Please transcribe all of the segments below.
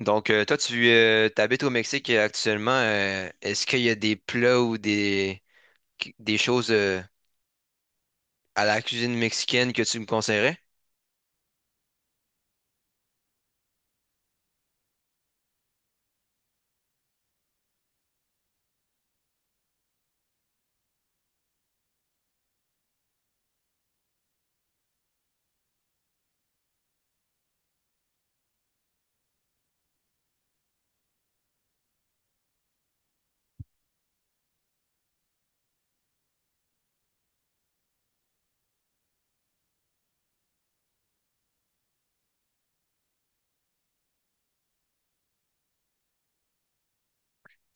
Donc, toi, tu t'habites au Mexique actuellement. Est-ce qu'il y a des plats ou des choses à la cuisine mexicaine que tu me conseillerais?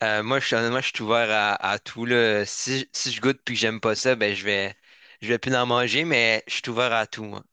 Moi, honnêtement, je suis ouvert à tout, là. Si je goûte puis que j'aime pas ça, ben, je vais plus en manger, mais je suis ouvert à tout, moi.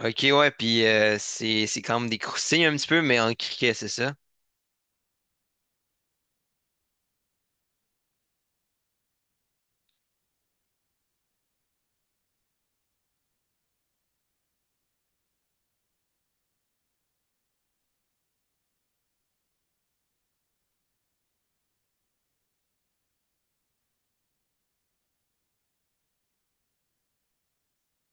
Ok, ouais, puis c'est quand même des croustilles un petit peu, mais en criquet, c'est ça?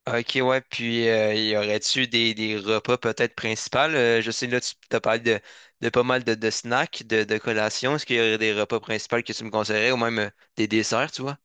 Ok, ouais, puis y aurait-tu des repas peut-être principaux? Je sais, là, tu as parlé de pas mal de snacks, de collations. Est-ce qu'il y aurait des repas principaux que tu me conseillerais ou même des desserts, tu vois?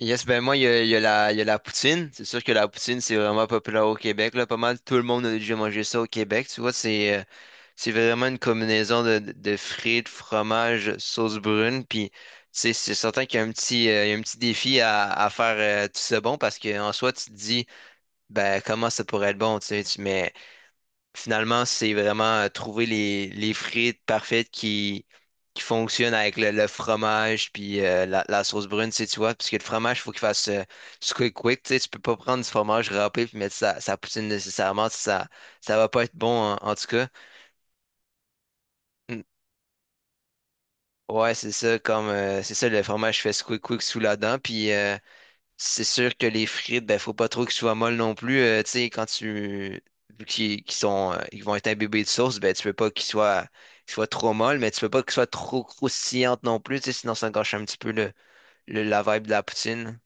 Yes, ben moi, il y a la poutine. C'est sûr que la poutine, c'est vraiment populaire au Québec, là. Pas mal tout le monde a déjà mangé ça au Québec, tu vois. C'est vraiment une combinaison de frites, fromage, sauce brune, puis tu sais, c'est certain qu'il y a un petit, il y a un petit défi à faire tout ça bon parce qu'en soi, tu te dis, ben comment ça pourrait être bon, tu sais, mais finalement, c'est vraiment trouver les frites parfaites qui fonctionnent avec le fromage puis la sauce brune, tu sais, tu vois, parce que le fromage, faut qu'il fasse squeak quick, tu sais, tu peux pas prendre du fromage râpé puis mettre ça, ça poutine nécessairement, ça va pas être bon en tout cas. Mm. Ouais, c'est ça, comme, c'est ça, le fromage fait squeak quick sous la dent, puis c'est sûr que les frites, ben, faut pas trop qu'ils soient molles non plus. Tu sais, quand tu vu qu'ils sont, ils vont être imbibés de sauce, ben, tu peux pas qu'ils soient trop molles, mais tu peux pas qu'ils soient trop croustillantes non plus, tu sais, sinon ça gâche un petit peu la vibe de la poutine.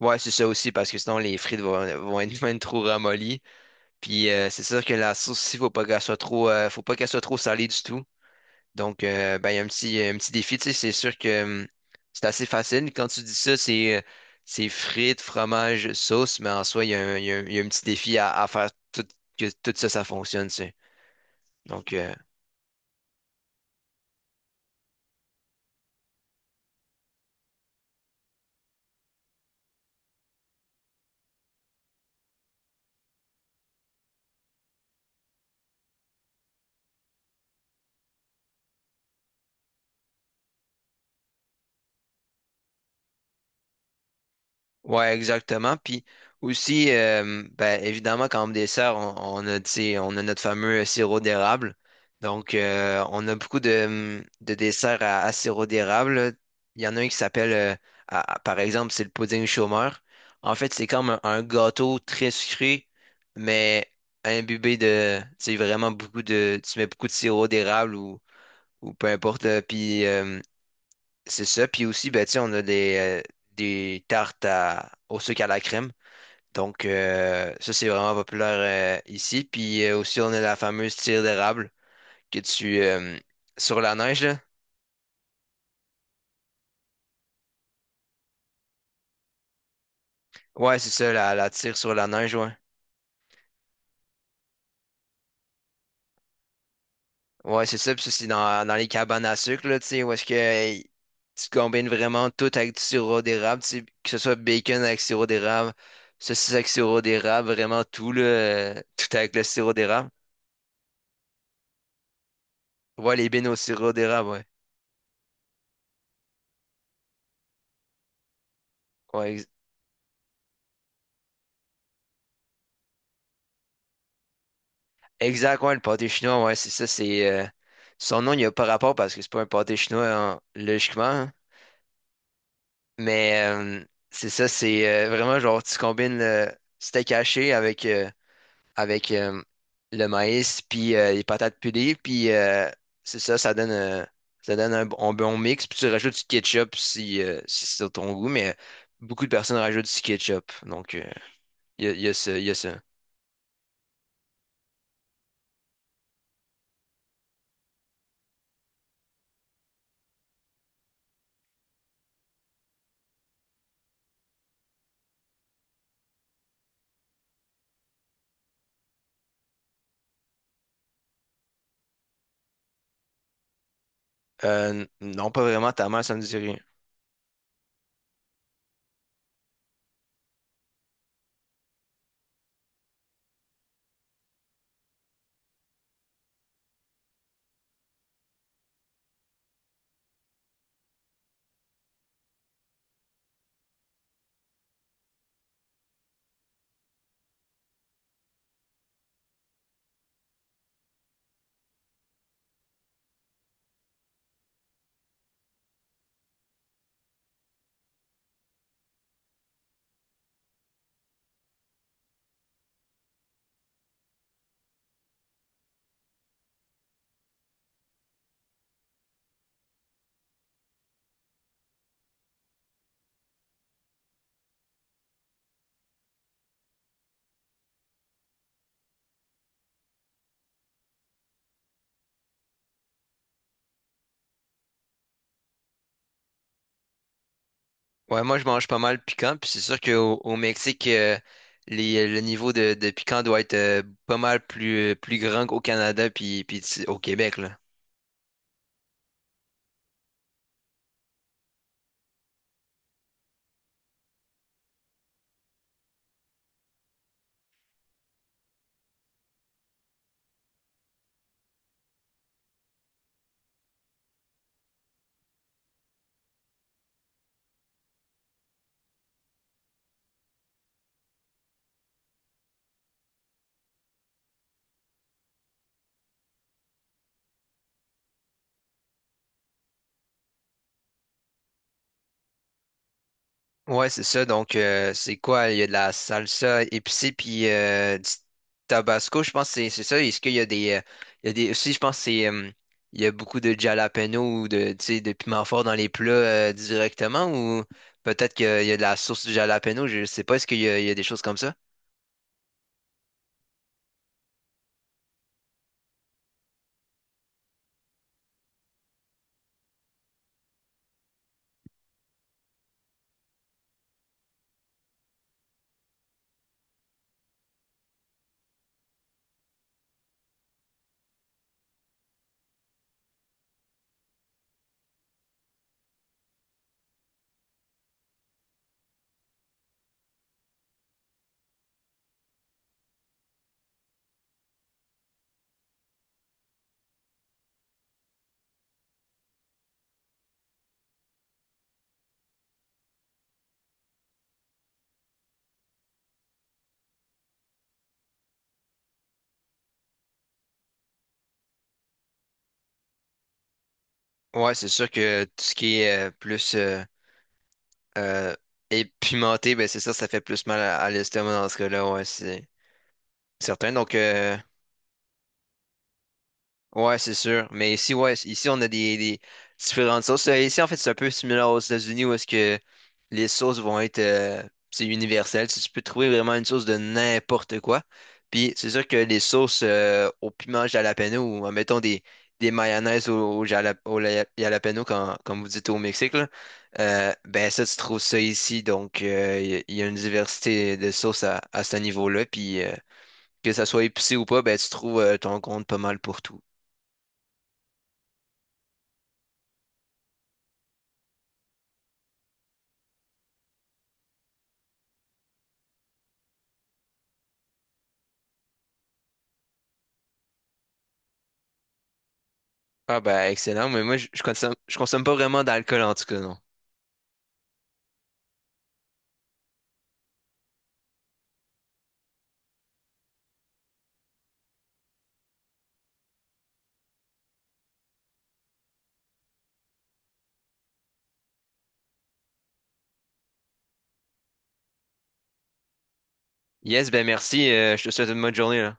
Ouais, c'est ça aussi, parce que sinon les frites vont être même trop ramollies. Puis c'est sûr que la sauce aussi, faut pas qu'elle soit trop salée du tout. Donc, ben, il y a un petit défi, tu sais, c'est sûr que c'est assez facile. Quand tu dis ça, c'est frites, fromage, sauce, mais en soi, il y a un petit défi à faire tout, que tout ça, ça fonctionne, tu sais. Donc, euh, Ouais, exactement. Puis aussi, ben, évidemment, quand on dessert, on a, tu sais, on a notre fameux sirop d'érable. Donc, on a beaucoup de desserts à sirop d'érable. Il y en a un qui s'appelle, par exemple, c'est le pudding chômeur. En fait, c'est comme un gâteau très sucré, mais imbibé de, tu sais, vraiment beaucoup de, tu mets beaucoup de sirop d'érable ou peu importe. Puis, c'est ça. Puis aussi, ben, tu sais, on a des tartes au sucre à la crème. Donc, ça, c'est vraiment populaire ici. Puis aussi, on a la fameuse tire d'érable que sur la neige, là. Ouais, c'est ça, la tire sur la neige, ouais. Ouais, c'est ça. Puis ça, c'est dans les cabanes à sucre, là, tu sais, où est-ce que tu combines vraiment tout avec du sirop d'érable, tu sais, que ce soit bacon avec sirop d'érable, saucisse avec sirop d'érable, vraiment tout, là, tout avec le sirop d'érable. Ouais, les bines au sirop d'érable, ouais. Ouais, exact, ouais, le pâté chinois, ouais, c'est ça, son nom, il n'y a pas rapport parce que c'est pas un pâté chinois, hein, logiquement. Hein. Mais c'est ça, c'est vraiment genre, tu combines le steak haché avec le maïs, puis les patates pilées, puis c'est ça, ça donne un bon mix, puis tu rajoutes du ketchup si, si c'est sur ton goût, mais beaucoup de personnes rajoutent du ketchup, donc il y a, y a ça, il y a ça. Non, pas vraiment, ta mère, ça me dirait. Ouais, moi je mange pas mal piquant, puis c'est sûr qu'au au Mexique, le niveau de piquant doit être pas mal plus grand qu'au Canada puis au Québec, là. Ouais, c'est ça. Donc, c'est quoi? Il y a de la salsa épicée puis du tabasco, je pense que c'est ça. Est-ce qu'il y a des. Il y a des aussi, je pense que c'est. Il y a beaucoup de jalapeno ou de, tu sais, de piment fort dans les plats directement ou peut-être qu'il y a de la sauce de jalapeno, je sais pas. Est-ce qu'il y a, Il y a des choses comme ça? Ouais, c'est sûr que tout ce qui est plus euh, épimenté, ben c'est ça, ça fait plus mal à l'estomac dans ce cas-là, ouais, c'est certain. Ouais, c'est sûr. Mais ici, ouais, ici, on a des différentes sauces. Ici, en fait, c'est un peu similaire aux États-Unis où est-ce que les sauces vont être c'est universel. Si tu peux trouver vraiment une sauce de n'importe quoi. Puis c'est sûr que les sauces au piment jalapeno ou mettons des mayonnaises au jalapeno, quand, comme vous dites au Mexique, là, ben ça, tu trouves ça ici. Donc il y a une diversité de sauces à ce niveau-là. Puis que ça soit épicé ou pas, ben tu trouves ton compte pas mal pour tout. Ah ben excellent, mais moi je consomme pas vraiment d'alcool en tout cas, non. Yes, ben merci, je te souhaite une bonne journée là.